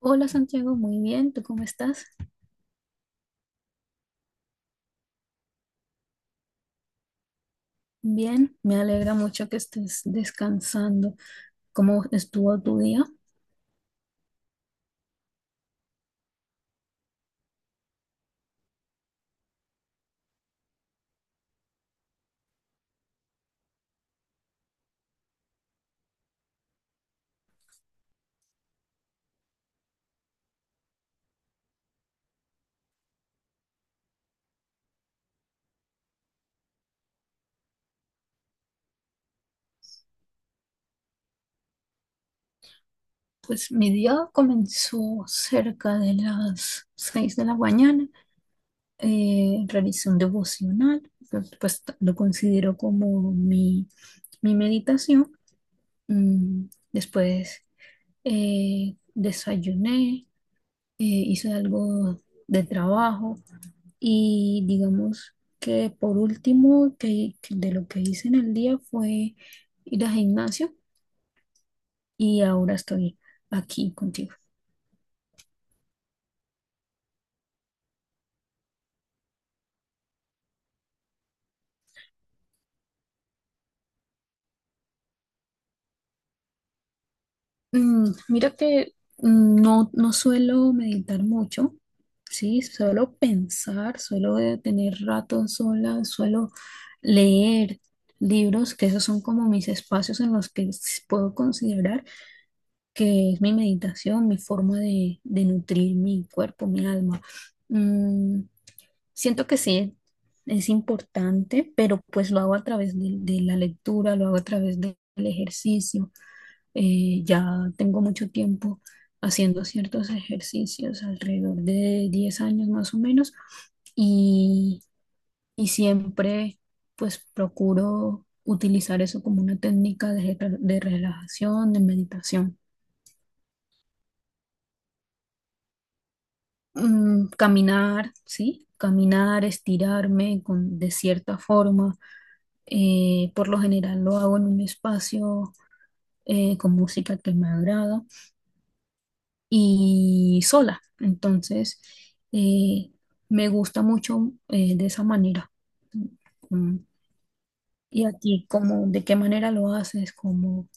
Hola Santiago, muy bien, ¿tú cómo estás? Bien, me alegra mucho que estés descansando. ¿Cómo estuvo tu día? Pues mi día comenzó cerca de las 6 de la mañana. Realicé un devocional, que, pues lo considero como mi meditación. Mm, después desayuné, hice algo de trabajo. Y digamos que por último, que de lo que hice en el día fue ir al gimnasio y ahora estoy aquí contigo. Mira que no suelo meditar mucho, ¿sí? Suelo pensar, suelo tener ratos sola, suelo leer libros, que esos son como mis espacios en los que puedo considerar que es mi meditación, mi forma de nutrir mi cuerpo, mi alma. Mm, siento que sí, es importante, pero pues lo hago a través de la lectura, lo hago a través del ejercicio. Ya tengo mucho tiempo haciendo ciertos ejercicios, alrededor de 10 años más o menos, y, y siempre pues procuro utilizar eso como una técnica de, de relajación, de meditación. Mm, caminar, ¿sí? Caminar, estirarme con, de cierta forma. Por lo general lo hago en un espacio con música que me agrada y sola. Entonces, eh, me gusta mucho de esa manera. Mm. Y aquí, como de qué manera lo haces, como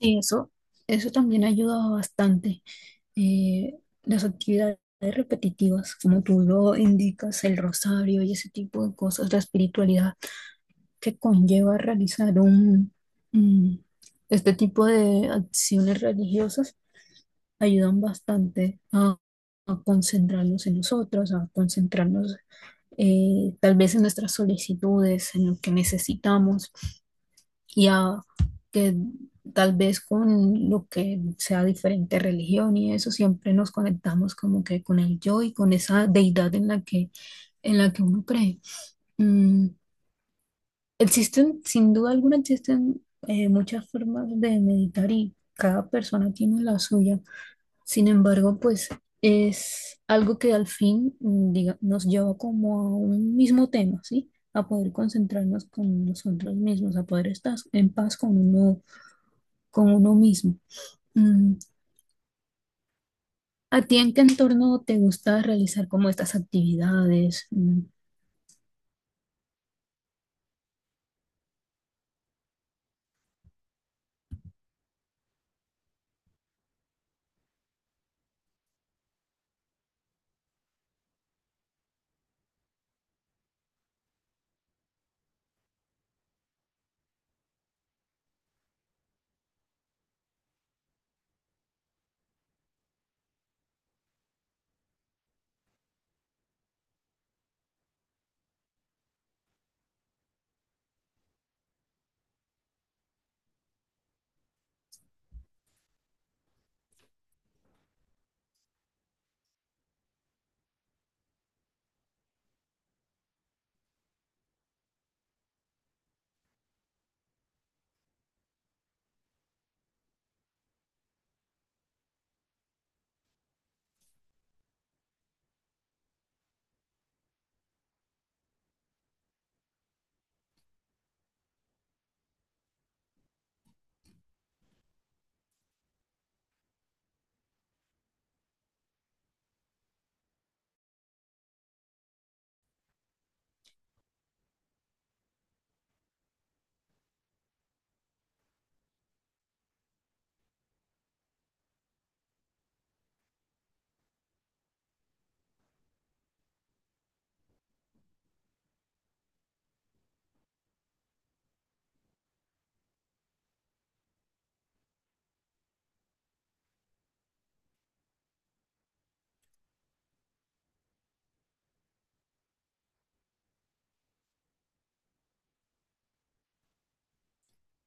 sí, eso también ayuda bastante. Eh, las actividades repetitivas, como tú lo indicas, el rosario y ese tipo de cosas, la espiritualidad que conlleva realizar un- este tipo de acciones religiosas ayudan bastante a concentrarnos en nosotros, a concentrarnos tal vez en nuestras solicitudes, en lo que necesitamos y a que tal vez con lo que sea diferente religión y eso siempre nos conectamos como que con el yo y con esa deidad en la en la que uno cree. Mm, existen, sin duda alguna, existen muchas formas de meditar y cada persona tiene la suya. Sin embargo, pues es algo que al fin nos lleva como a un mismo tema, ¿sí? A poder concentrarnos con nosotros mismos, a poder estar en paz con uno mismo. Mm, ¿a ti en qué entorno te gusta realizar como estas actividades? Mm,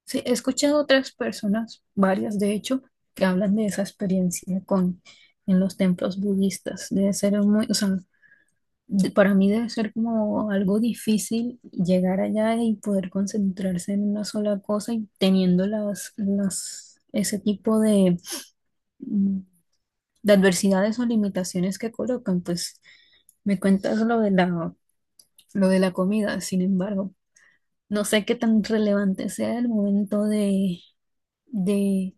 sí, he escuchado otras personas, varias de hecho, que hablan de esa experiencia con en los templos budistas. Debe ser muy, o sea, para mí debe ser como algo difícil llegar allá y poder concentrarse en una sola cosa y teniendo las, ese tipo de, mm, de adversidades o limitaciones que colocan. Pues me cuentas lo de la comida, sin embargo, no sé qué tan relevante sea el momento de,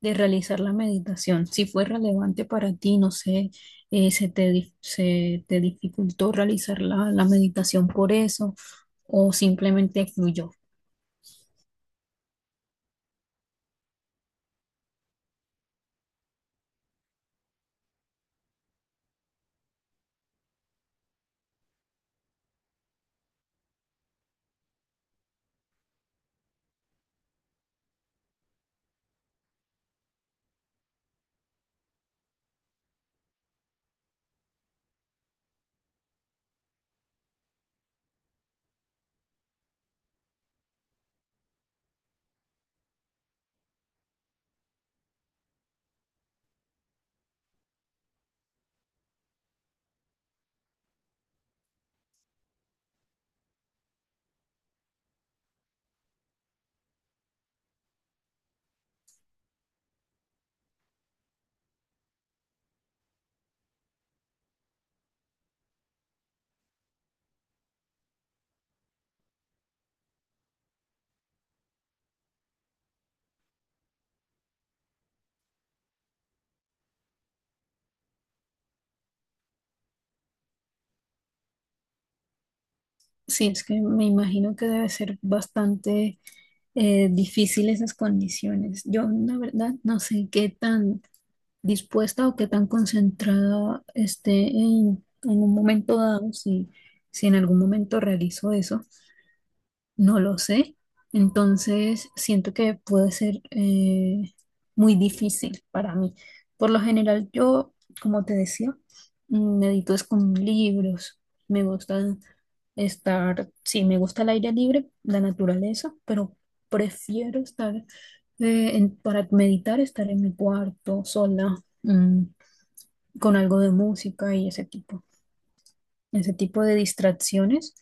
de realizar la meditación, si fue relevante para ti, no sé, se se te dificultó realizar la meditación por eso o simplemente fluyó. Sí, es que me imagino que debe ser bastante difícil esas condiciones. Yo, la verdad, no sé qué tan dispuesta o qué tan concentrada esté en un momento dado, si, si en algún momento realizo eso. No lo sé. Entonces, siento que puede ser muy difícil para mí. Por lo general, yo, como te decía, mm, medito es con libros. Me gusta estar, sí, me gusta el aire libre, la naturaleza, pero prefiero estar, para meditar, estar en mi cuarto sola, mm, con algo de música y ese tipo de distracciones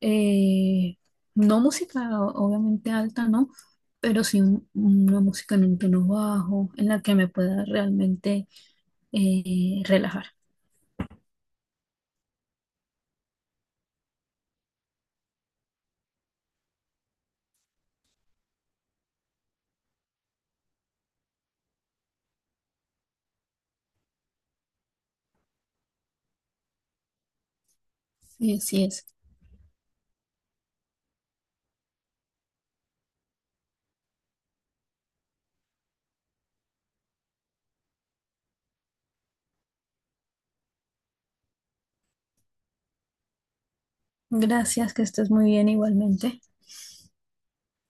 eh, no música obviamente alta, ¿no? Pero sí una música en un tono bajo, en la que me pueda realmente relajar. Sí, así es. Gracias, que estés muy bien igualmente.